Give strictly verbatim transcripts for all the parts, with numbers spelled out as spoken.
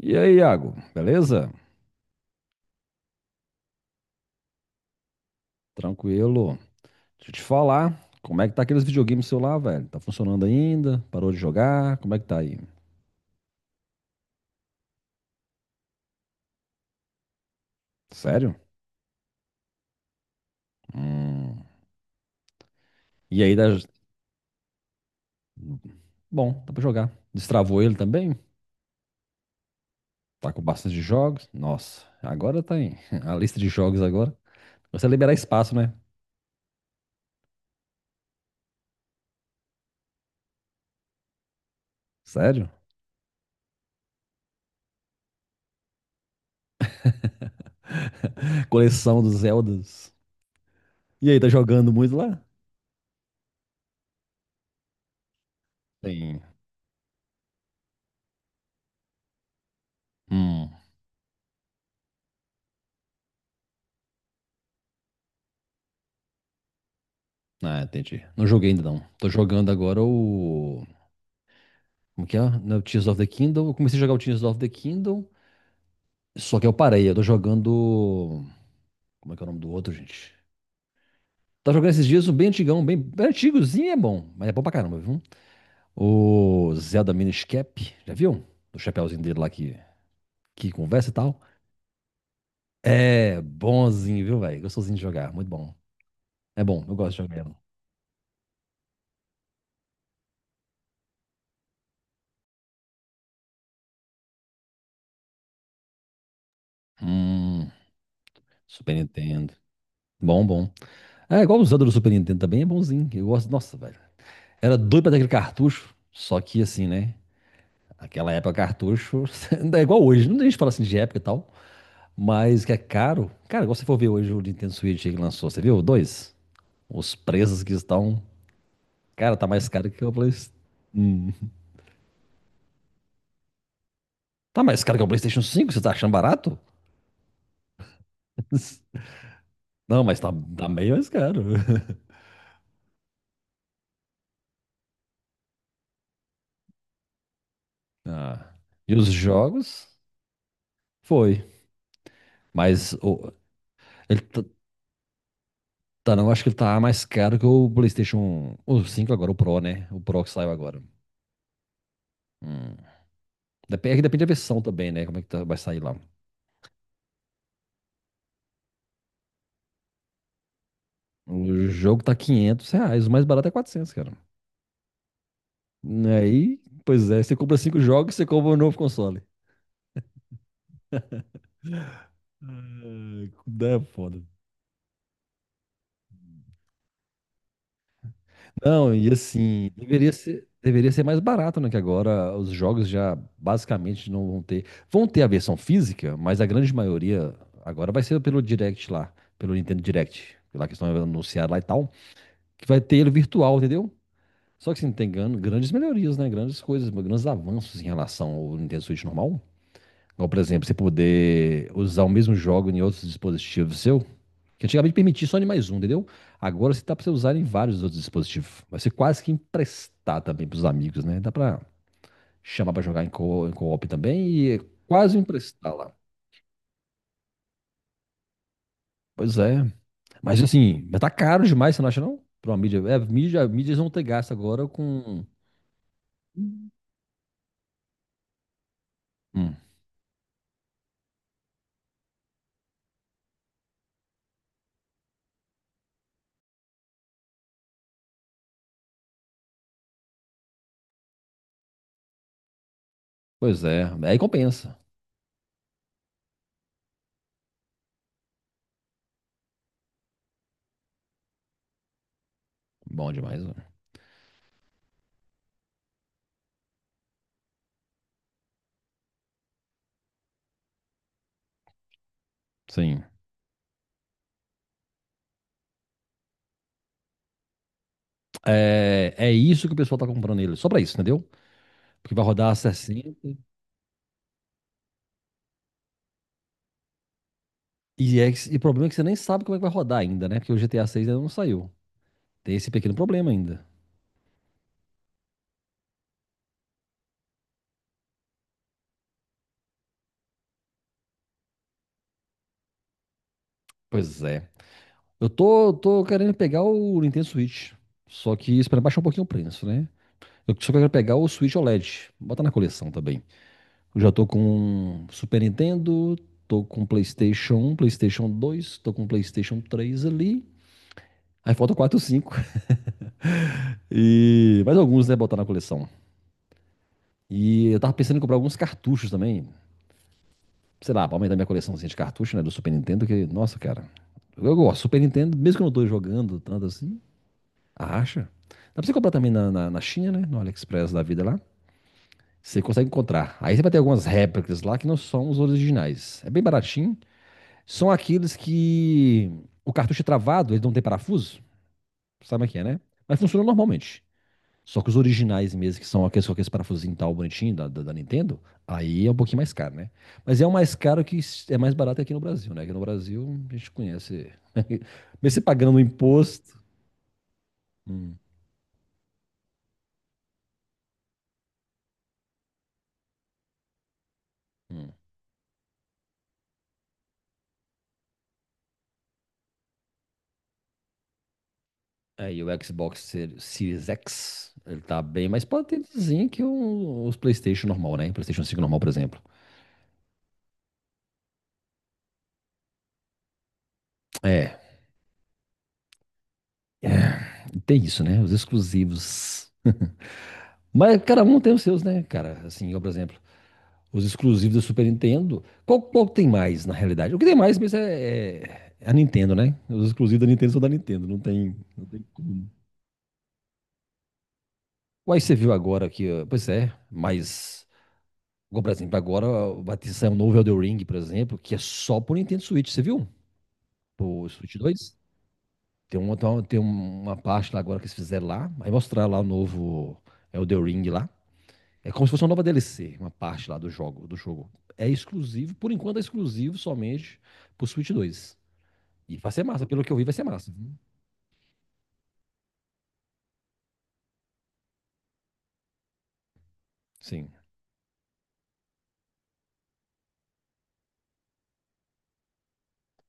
E aí, Iago, beleza? Tranquilo. Deixa eu te falar, como é que tá aqueles videogames seu lá, velho? Tá funcionando ainda? Parou de jogar? Como é que tá aí? Sério? Hum. E aí, dá... bom, dá pra jogar. Destravou ele também? Tá com bastante jogos? Nossa, agora tá em a lista de jogos agora. Você liberar espaço, né? Sério? Coleção dos Zeldas. E aí, tá jogando muito lá? Tem. Hum. Ah, entendi. Não joguei ainda não. Tô jogando agora o Como que é? No Tears of the Kingdom. Eu comecei a jogar o Tears of the Kingdom, só que eu parei. Eu tô jogando. Como é que é o nome do outro, gente? Tá jogando esses dias um bem antigão, bem, bem antigozinho é bom, mas é bom pra caramba, viu? O Zelda Minish Cap, já viu? Do chapéuzinho dele lá que, que conversa e tal. É bonzinho, viu, velho? Gostosinho de jogar, muito bom. É bom, eu gosto de jogar. Ele. Hum, Super Nintendo. Bom, bom. É igual o Zelda do Super Nintendo também, é bonzinho. Eu gosto, nossa, velho. Era doido pra ter aquele cartucho, só que assim, né? Aquela época cartucho ainda é igual hoje. Não deixa de falar assim de época e tal. Mas que é caro. Cara, igual você for ver hoje o Nintendo Switch que lançou, você viu? Dois. Os preços que estão. Cara, tá mais caro que o PlayStation. Hum. Tá mais caro que o PlayStation cinco. Você tá achando barato? Não, mas tá, tá meio mais caro. Ah. E os jogos? Foi. Mas o- ele tá, tá- não, acho que ele tá mais caro que o PlayStation. O cinco agora, o Pro, né? O Pro que saiu agora. Hum. Dep- é que Depende, da versão também, né? Como é que tá- vai sair lá. O jogo tá quinhentos reais, o mais barato é quatrocentos cara. Aí, pois é, você compra cinco jogos, você compra um novo console. É, é foda. Não, e assim, deveria ser, deveria ser mais barato, né? Que agora os jogos já basicamente não vão ter. Vão ter a versão física, mas a grande maioria agora vai ser pelo Direct lá, pelo Nintendo Direct, lá que estão anunciando lá e tal, que vai ter ele virtual, entendeu? Só que assim, tem gran- grandes melhorias, né? Grandes coisas, grandes avanços em relação ao Nintendo Switch normal. Ou, por exemplo, você poder usar o mesmo jogo em outros dispositivos seu, que antigamente permitia só em mais um, entendeu? Agora você tá pra você usar em vários outros dispositivos. Vai ser quase que emprestar também pros amigos, né? Dá pra chamar pra jogar em co- em co-op também e é quase emprestar lá. Pois é. Mas assim, já tá caro demais, você não acha não? Pra uma mídia. É, mídia, mídias vão ter gasto agora com. Hum, pois é. Aí compensa. Bom demais, né? Sim. É, é isso que o pessoal tá comprando ele. Só pra isso, entendeu? Porque vai rodar a sessenta. E, é, que- e o problema é que você nem sabe como é que vai rodar ainda, né? Porque o G T A seis ainda não saiu. Tem esse pequeno problema ainda. Pois é. Eu tô, tô querendo pegar o Nintendo Switch. Só que esperando baixar um pouquinho o preço, né? Eu só quero pegar o Switch O L E D. Bota na coleção também. Eu já tô com Super Nintendo, tô com PlayStation um, PlayStation dois, tô com PlayStation três ali. Aí falta quatro, cinco. E mais alguns, né? Botar na coleção. E eu tava pensando em comprar alguns cartuchos também. Sei lá, pra aumentar minha coleçãozinha de cartucho, né, do Super Nintendo, que, nossa, cara, eu gosto. Super Nintendo, mesmo que eu não tô jogando tanto assim, acha. Dá pra você comprar também na, na, na China, né, no AliExpress da vida lá, você consegue encontrar. Aí você vai ter algumas réplicas lá que não são os originais. É bem baratinho, são aqueles que o cartucho é travado, eles não tem parafuso, sabe o que é, né? Mas funciona normalmente. Só que os originais mesmo, que são aqueles com aqueles parafusinhos e tal, bonitinho da, da, da Nintendo, aí é um pouquinho mais caro, né? Mas é o mais caro que é mais barato aqui no Brasil, né? Aqui no Brasil a gente conhece. Mesmo você pagando o imposto. Hum, hum. Aí o Xbox Ser- Series X, ele tá bem mais potentezinho que o- os PlayStation normal, né? PlayStation cinco normal, por exemplo. É, é, tem isso, né? Os exclusivos. Mas cada um tem os seus, né, cara? Assim, eu, por exemplo, os exclusivos da Super Nintendo. Qual, qual tem mais, na realidade? O que tem mais mesmo é, é a Nintendo, né? Os exclusivos da Nintendo são da Nintendo, não tem, não tem como. Uai, você viu agora que, ó, pois é, mas, igual, por exemplo, agora ó, vai ter sair um novo Elden Ring, por exemplo, que é só pro Nintendo Switch, você viu? Pro Switch dois. Tem uma, tem uma- tem uma parte lá agora que eles fizeram lá, aí mostrar lá o novo Elden Ring lá. É como se fosse uma nova D L C, uma parte lá do jogo, do jogo. É exclusivo, por enquanto é exclusivo somente pro Switch dois. E vai ser massa, pelo que eu vi, vai ser massa. Sim,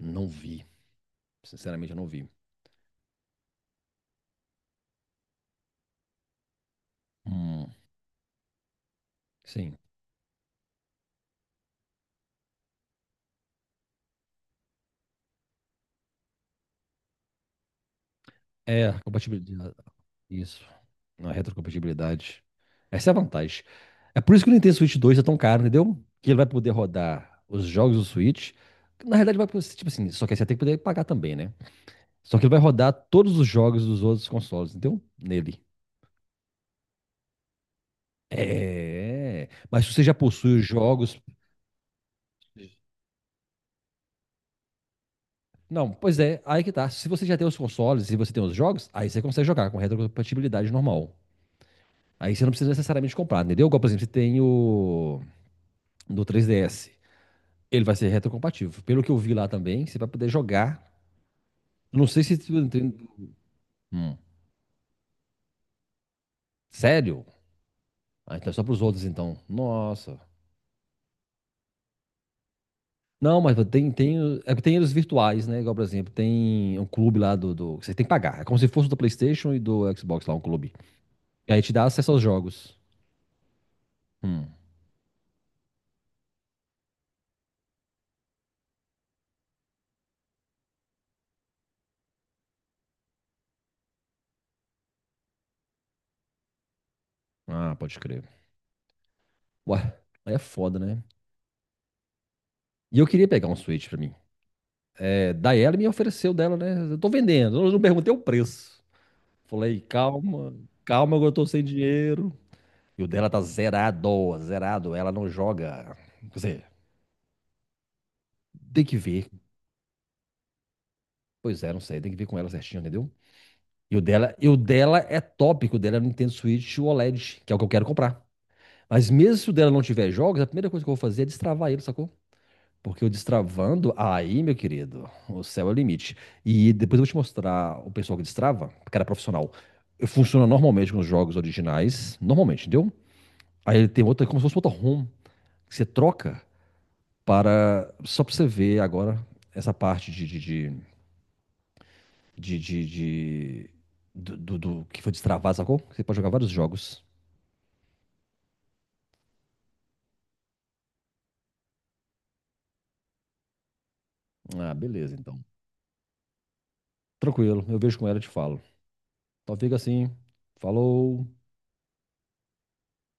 não vi. Sinceramente, eu não vi. Hum, sim. É, compatibilidade. Isso. Não é retrocompatibilidade. Essa é a vantagem. É por isso que o Nintendo Switch dois é tão caro, entendeu? Que ele vai poder rodar os jogos do Switch. Que na realidade, vai, poder- tipo assim, só que você tem que poder pagar também, né? Só que ele vai rodar todos os jogos dos outros consoles, entendeu? Nele. É. Mas se você já possui os jogos. Não, pois é, aí que tá. Se você já tem os consoles e você tem os jogos, aí você consegue jogar com retrocompatibilidade normal. Aí você não precisa necessariamente comprar, entendeu? Igual, por exemplo, você tem o do três D S. Ele vai ser retrocompatível. Pelo que eu vi lá também, você vai poder jogar. Não sei se. Hum, sério? Ah, então é só pros outros, então. Nossa. Não, mas tem, tem, é que tem eles virtuais, né? Igual, por exemplo, tem um clube lá do, do. Você tem que pagar. É como se fosse do PlayStation e do Xbox lá, um clube. E aí te dá acesso aos jogos. Hum. Ah, pode crer. Ué, aí é foda, né? E eu queria pegar um Switch pra mim. É, daí ela me ofereceu dela, né? Eu tô vendendo, eu não perguntei o preço. Falei, calma, calma, eu tô sem dinheiro. E o dela tá zerado, zerado, ela não joga. Quer dizer, tem que ver. Pois é, não sei, tem que ver com ela certinho, entendeu? E o dela, e o dela é top, o dela é o Nintendo Switch O L E D, que é o que eu quero comprar. Mas mesmo se o dela não tiver jogos, a primeira coisa que eu vou fazer é destravar ele, sacou? Porque eu destravando, aí, meu querido, o céu é o limite. E depois eu vou te mostrar o pessoal que destrava, cara profissional. Funciona normalmente com os jogos originais, normalmente, entendeu? Aí ele tem outra, como se fosse outra ROM, que você troca para, só para você ver agora essa parte de, de, de, de, de- de- do, do- do que foi destravado, sacou? Você pode jogar vários jogos. Ah, beleza, então. Tranquilo, eu vejo com ela e te falo. Então fica assim, falou.